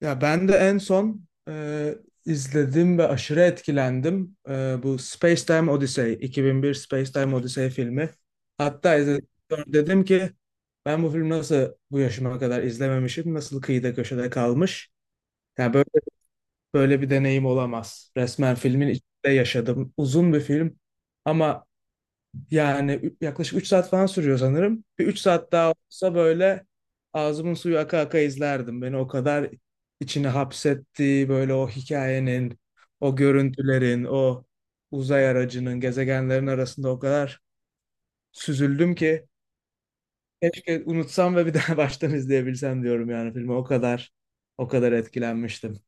Ya ben de en son izledim ve aşırı etkilendim. Bu Space Time Odyssey, 2001 Space Time Odyssey filmi. Hatta izledikten sonra dedim ki ben bu film nasıl bu yaşıma kadar izlememişim, nasıl kıyıda köşede kalmış. Yani böyle bir deneyim olamaz. Resmen filmin içinde yaşadım. Uzun bir film ama yani yaklaşık 3 saat falan sürüyor sanırım. Bir 3 saat daha olsa böyle ağzımın suyu aka aka izlerdim. Beni o kadar içine hapsetti böyle o hikayenin, o görüntülerin, o uzay aracının, gezegenlerin arasında o kadar süzüldüm ki keşke unutsam ve bir daha baştan izleyebilsem diyorum yani filmi. O kadar etkilenmiştim.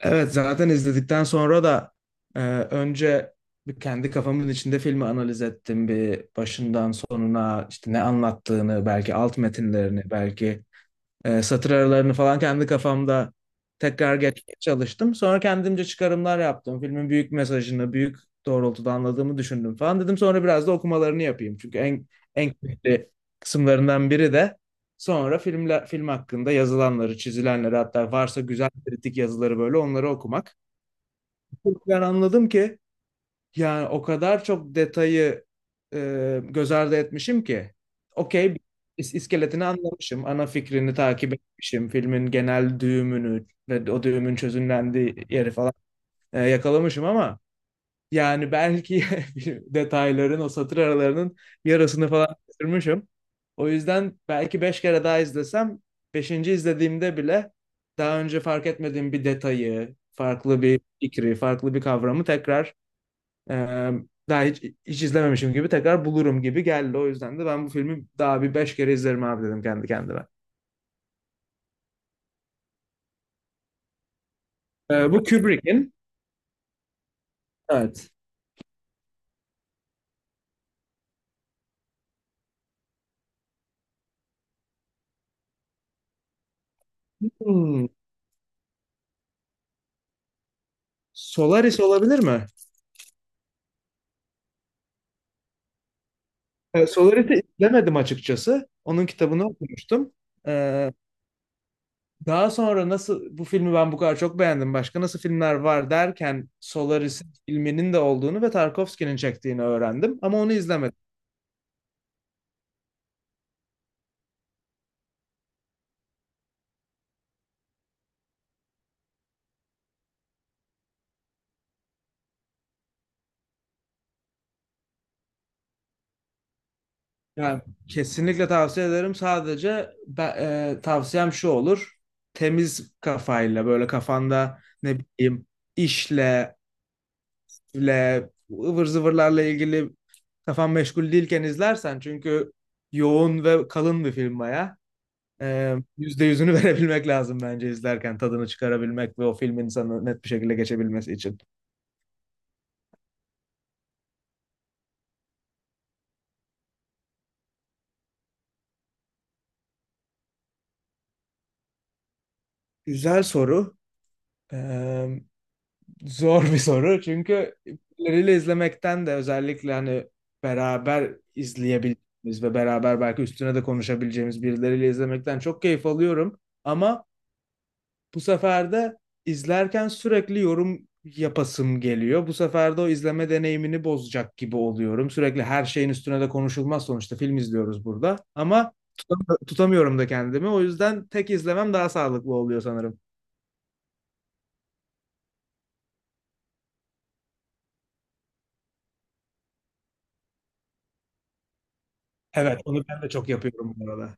Evet, zaten izledikten sonra da önce bir kendi kafamın içinde filmi analiz ettim, bir başından sonuna işte ne anlattığını, belki alt metinlerini, belki satır aralarını falan kendi kafamda tekrar geçmeye çalıştım. Sonra kendimce çıkarımlar yaptım. Filmin büyük mesajını, büyük doğrultuda anladığımı düşündüm falan dedim. Sonra biraz da okumalarını yapayım. Çünkü en keyifli kısımlarından biri de sonra filmle, film hakkında yazılanları, çizilenleri, hatta varsa güzel kritik yazıları, böyle onları okumak. Ben anladım ki yani o kadar çok detayı göz ardı etmişim ki. Okey, iskeletini anlamışım, ana fikrini takip etmişim, filmin genel düğümünü ve o düğümün çözümlendiği yeri falan yakalamışım ama yani belki detayların, o satır aralarının yarısını falan kaçırmışım. O yüzden belki 5 kere daha izlesem, beşinci izlediğimde bile daha önce fark etmediğim bir detayı, farklı bir fikri, farklı bir kavramı tekrar ee, daha hiç izlememişim gibi tekrar bulurum gibi geldi. O yüzden de ben bu filmi daha bir 5 kere izlerim abi dedim kendi kendime. Bu Kubrick'in. Evet. Hmm, Solaris olabilir mi? Solaris'i izlemedim açıkçası. Onun kitabını okumuştum. Ee, Daha sonra nasıl bu filmi ben bu kadar çok beğendim. Başka nasıl filmler var derken Solaris'in filminin de olduğunu ve Tarkovski'nin çektiğini öğrendim. Ama onu izlemedim. Yani kesinlikle tavsiye ederim. Sadece ben, tavsiyem şu olur. Temiz kafayla böyle kafanda ne bileyim işle, ile, ıvır zıvırlarla ilgili kafan meşgul değilken izlersen, çünkü yoğun ve kalın bir film baya. %100'ünü verebilmek lazım bence, izlerken tadını çıkarabilmek ve o film insanı net bir şekilde geçebilmesi için. Güzel soru. Ee, Zor bir soru, çünkü birileriyle izlemekten de, özellikle hani beraber izleyebildiğimiz ve beraber belki üstüne de konuşabileceğimiz birileriyle izlemekten çok keyif alıyorum. Ama bu sefer de izlerken sürekli yorum yapasım geliyor. Bu sefer de o izleme deneyimini bozacak gibi oluyorum. Sürekli her şeyin üstüne de konuşulmaz, sonuçta film izliyoruz burada. Ama tutamıyorum da kendimi. O yüzden tek izlemem daha sağlıklı oluyor sanırım. Evet, onu ben de çok yapıyorum bu arada.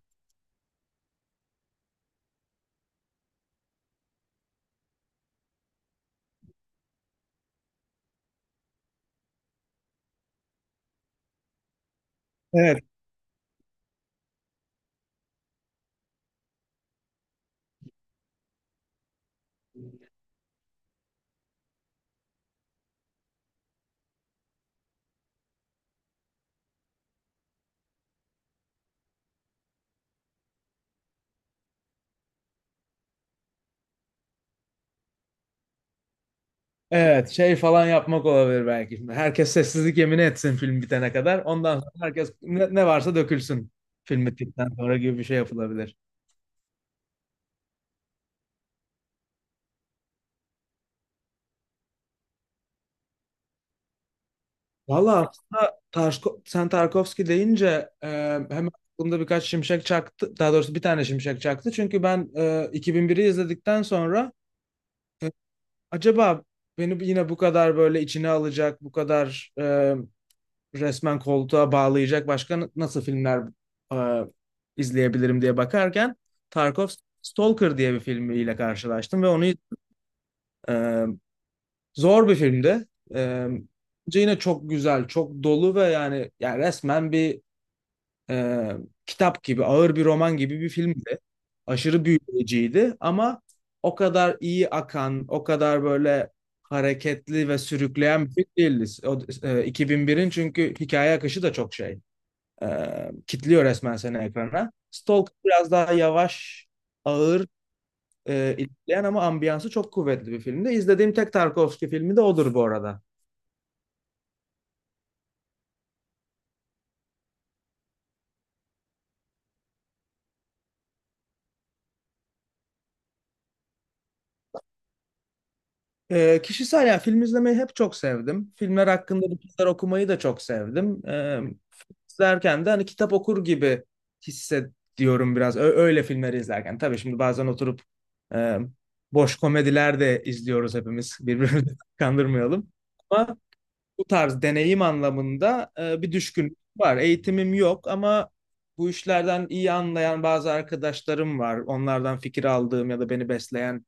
Evet. Evet, şey falan yapmak olabilir belki. Herkes sessizlik yemini etsin film bitene kadar. Ondan sonra herkes ne, ne varsa dökülsün film bittikten sonra gibi bir şey yapılabilir. Valla aslında sen Tarkovski deyince e, hemen aklımda birkaç şimşek çaktı. Daha doğrusu bir tane şimşek çaktı. Çünkü ben 2001'i izledikten sonra e, acaba beni yine bu kadar böyle içine alacak, bu kadar resmen koltuğa bağlayacak başka nasıl filmler e, izleyebilirim diye bakarken Tarkov Stalker diye bir filmiyle karşılaştım ve onu e, zor bir filmdi. E, Yine çok güzel, çok dolu ve yani resmen bir e, kitap gibi, ağır bir roman gibi bir filmdi. Aşırı büyüleyiciydi ama o kadar iyi akan, o kadar böyle hareketli ve sürükleyen bir film değildi. O, 2001'in çünkü hikaye akışı da çok şey e, kitliyor resmen seni ekrana. Stalker biraz daha yavaş, ağır ilerleyen ama ambiyansı çok kuvvetli bir filmdi. İzlediğim tek Tarkovski filmi de odur bu arada. Kişisel, ya film izlemeyi hep çok sevdim. Filmler hakkında bu kadar okumayı da çok sevdim. Film izlerken de hani kitap okur gibi hissediyorum biraz. Öyle filmleri izlerken. Tabii şimdi bazen oturup e, boş komediler de izliyoruz hepimiz. Birbirimizi kandırmayalım. Ama bu tarz deneyim anlamında bir düşkünlük var. Eğitimim yok ama bu işlerden iyi anlayan bazı arkadaşlarım var. Onlardan fikir aldığım ya da beni besleyen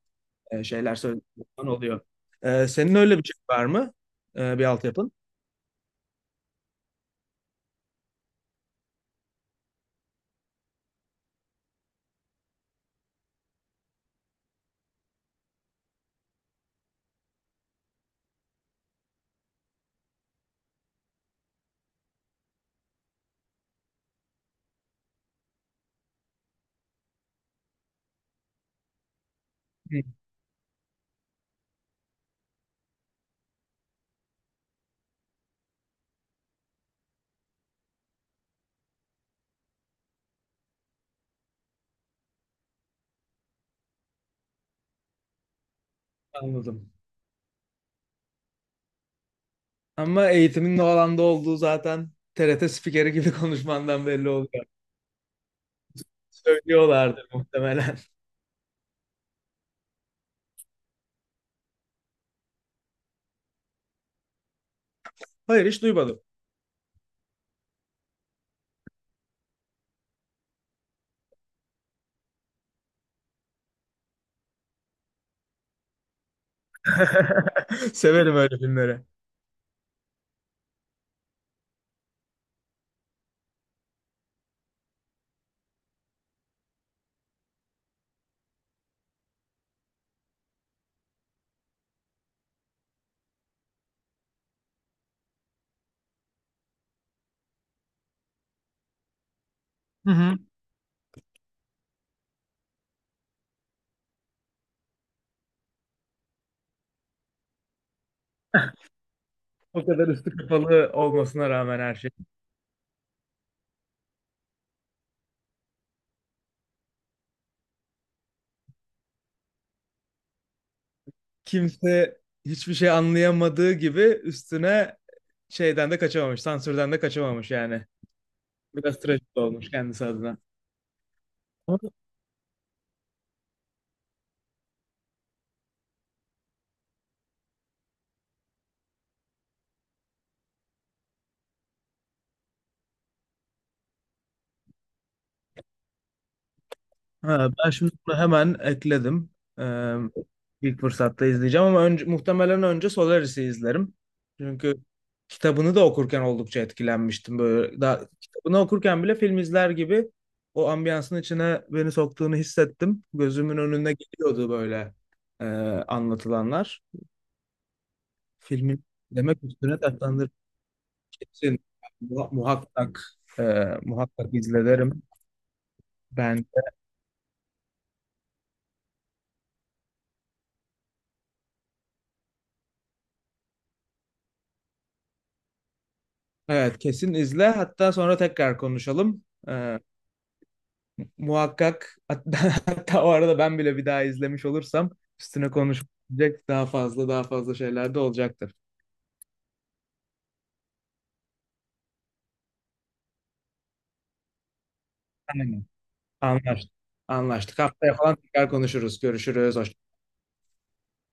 şeyler söylediğim falan oluyor. Senin öyle bir şey var mı? Bir altyapın? Hı, anladım. Ama eğitimin ne alanda olduğu zaten TRT spikeri gibi konuşmandan belli oluyor. Söylüyorlardır muhtemelen. Hayır, hiç duymadım. Severim öyle filmleri. Hı hı. O kadar üstü kapalı olmasına rağmen her şey. Kimse hiçbir şey anlayamadığı gibi üstüne şeyden de kaçamamış, sansürden de kaçamamış yani. Biraz trajik olmuş kendisi adına. Ha, ben şimdi bunu hemen ekledim. Ee, ilk fırsatta izleyeceğim ama önce, muhtemelen önce Solaris'i izlerim. Çünkü kitabını da okurken oldukça etkilenmiştim. Böyle daha, kitabını okurken bile film izler gibi o ambiyansın içine beni soktuğunu hissettim. Gözümün önüne geliyordu böyle e, anlatılanlar. Filmin demek üstüne tatlandırıp kesin muhakkak e, muhakkak izlerim ben. Evet, kesin izle, hatta sonra tekrar konuşalım. Muhakkak, hatta, hatta o arada ben bile bir daha izlemiş olursam üstüne konuşacak daha fazla şeyler de olacaktır. Aynen. Anlaştık. Anlaştık. Haftaya falan tekrar konuşuruz. Görüşürüz. Hoşça